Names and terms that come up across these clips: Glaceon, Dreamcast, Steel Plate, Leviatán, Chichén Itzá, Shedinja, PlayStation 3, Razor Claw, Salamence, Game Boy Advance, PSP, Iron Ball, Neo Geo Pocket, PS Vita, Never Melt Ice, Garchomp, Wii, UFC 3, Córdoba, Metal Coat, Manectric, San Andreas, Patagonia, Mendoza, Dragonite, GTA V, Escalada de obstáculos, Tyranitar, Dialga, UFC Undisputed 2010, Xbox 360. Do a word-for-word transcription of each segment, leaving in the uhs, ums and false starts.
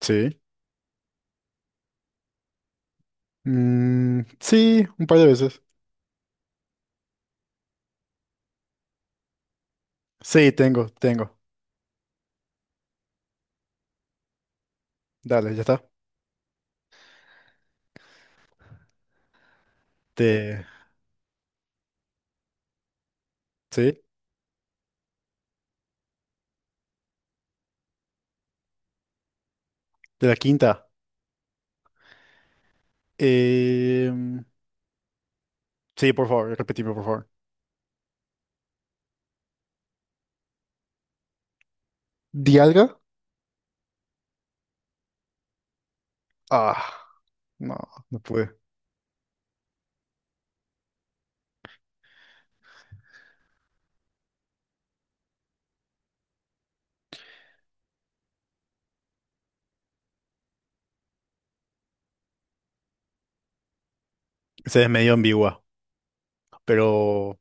Sí. Mm, sí, un par de veces. Sí, tengo, tengo. Dale, ya está. De, sí, de la quinta. Em, sí, por favor, repetime, por favor. ¿Dialga? Ah, no, no pude. Ese es medio ambigua, pero...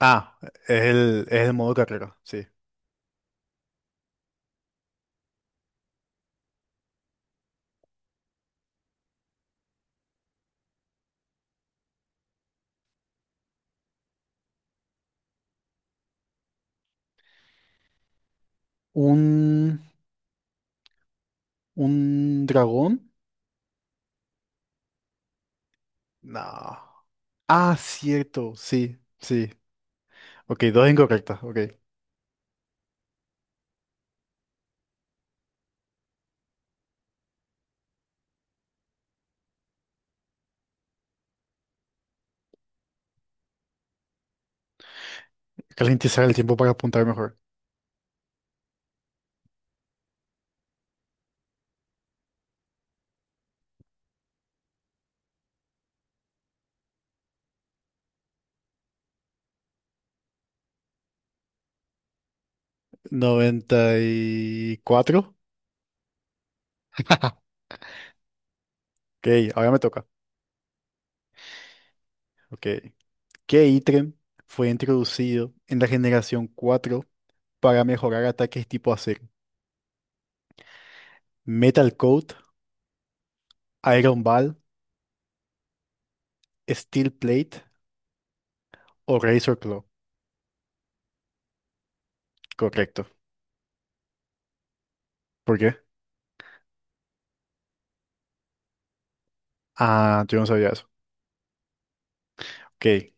Ah, es el, es el modo carrera, sí. ¿Un, ¿Un dragón? No. Ah, cierto, sí, sí. Ok, dos incorrectas, ok. Calentizar el tiempo para apuntar mejor. Noventa y cuatro. Ok, ahora me toca. Ok. ¿Qué ítem fue introducido en la generación cuatro para mejorar ataques tipo acero? Metal Coat, Iron Ball, Steel Plate o Razor Claw. Correcto. ¿Por qué? Ah, yo no sabía eso. Ok.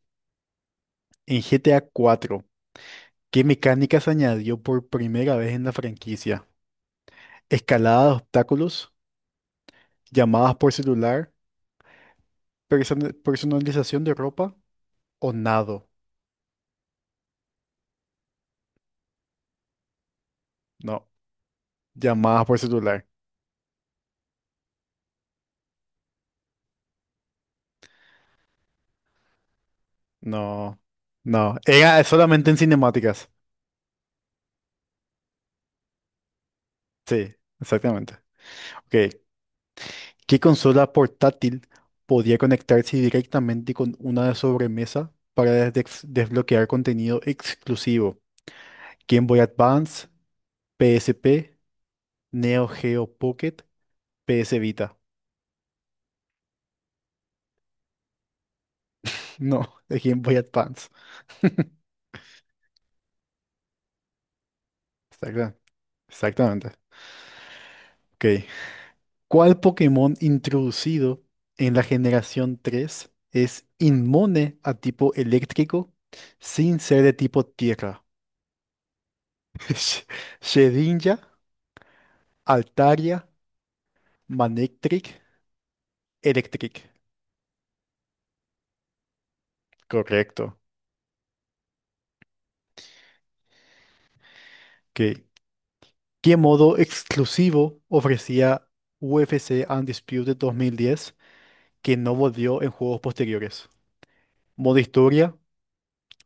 En G T A cuatro, ¿qué mecánica se añadió por primera vez en la franquicia? Escalada de obstáculos, llamadas por celular, persona- personalización de ropa o nado. No. Llamadas por celular. No, no. Era solamente en cinemáticas. Sí, exactamente. Ok. ¿Qué consola portátil podía conectarse directamente con una de sobremesa para des- desbloquear contenido exclusivo? Game Boy Advance, P S P, Neo Geo Pocket, P S Vita. No, es Game Boy Advance. Exacta- Exactamente. Ok. ¿Cuál Pokémon introducido en la generación tres es inmune a tipo eléctrico sin ser de tipo tierra? Sh- Shedinja, Altaria, Manectric, Electric. Correcto. Ok. ¿Qué modo exclusivo ofrecía U F C Undisputed dos mil diez que no volvió en juegos posteriores? ¿Modo historia?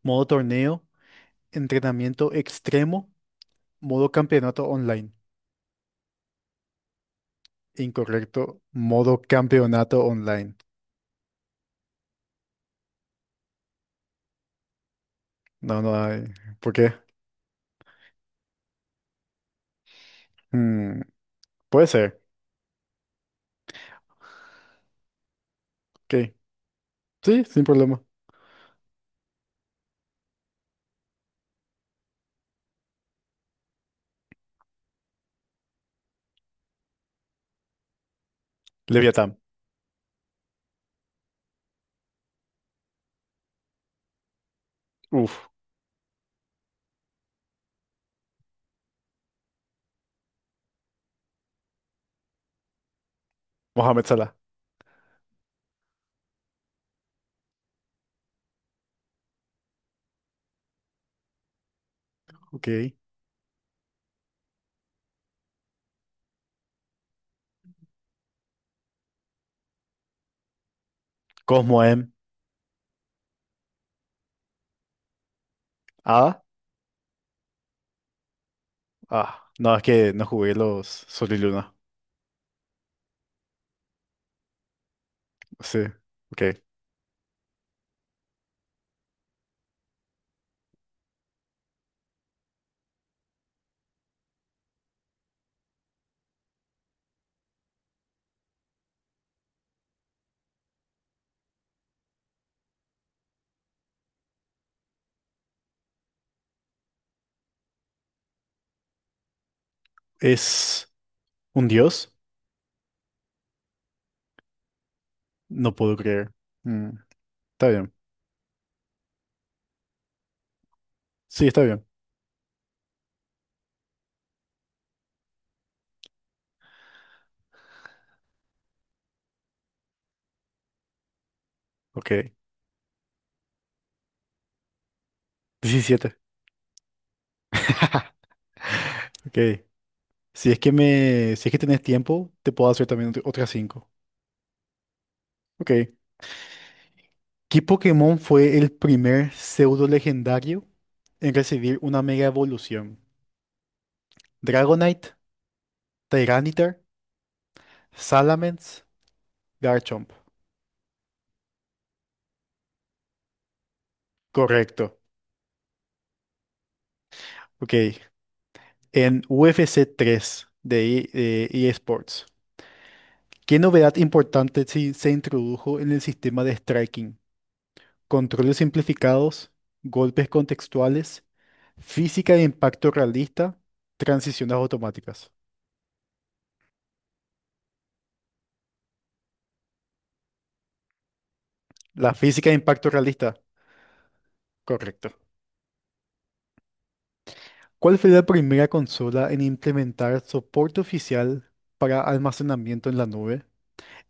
¿Modo torneo? ¿Entrenamiento extremo? ¿Modo campeonato online? Incorrecto. Modo campeonato online. No, no hay. ¿Por qué? Mm, puede ser. Ok. Sí, sin problema. Leviatán. Uf. Mohamed Salah. Ok. Cosmo M. Ah. Ah. No, es que no jugué los Sol y Luna. Sí. Ok. ¿Es un dios? No puedo creer. Mm, está bien. Sí, está bien. Ok. Diecisiete. Ok. Si es que me. Si es que tenés tiempo, te puedo hacer también ot- otras cinco. Ok. ¿Qué Pokémon fue el primer pseudo legendario en recibir una mega evolución? Dragonite, Tyranitar, Salamence, Garchomp. Correcto. Ok. En U F C tres de E- eh, eSports, ¿qué novedad importante si- se introdujo en el sistema de striking? Controles simplificados, golpes contextuales, física de impacto realista, transiciones automáticas. La física de impacto realista. Correcto. ¿Cuál fue la primera consola en implementar soporte oficial para almacenamiento en la nube?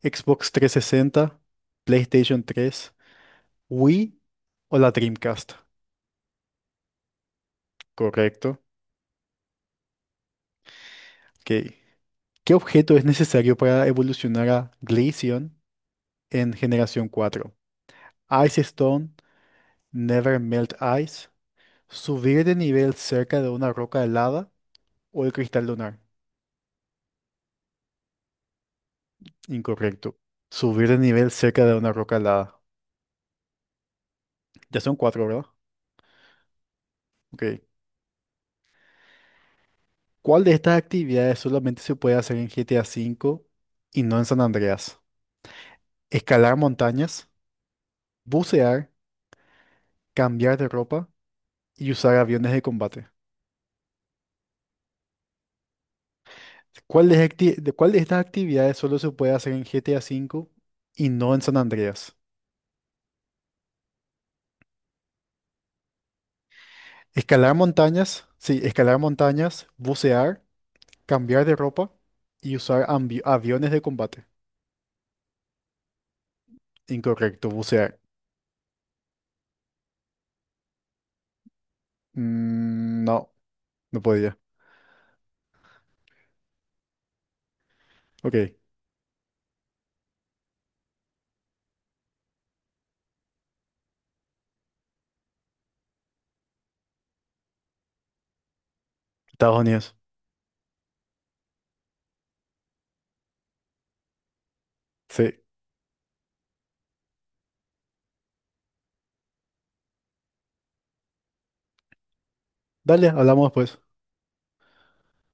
¿Xbox trescientos sesenta, PlayStation tres, Wii o la Dreamcast? Correcto. Ok. ¿Qué objeto es necesario para evolucionar a Glaceon en generación cuatro? Ice Stone, Never Melt Ice, subir de nivel cerca de una roca helada o el cristal lunar. Incorrecto. Subir de nivel cerca de una roca helada. Ya son cuatro, ¿verdad? Ok. ¿Cuál de estas actividades solamente se puede hacer en G T A V y no en San Andreas? Escalar montañas, bucear, cambiar de ropa y usar aviones de combate. ¿Cuál de, acti- de- cuál de estas actividades solo se puede hacer en G T A V y no en San Andreas? Escalar montañas, sí, escalar montañas, bucear, cambiar de ropa y usar ambi- aviones de combate. Incorrecto, bucear. Mm, no, no podía. Ok, Estados Unidos. Sí. Dale, hablamos después.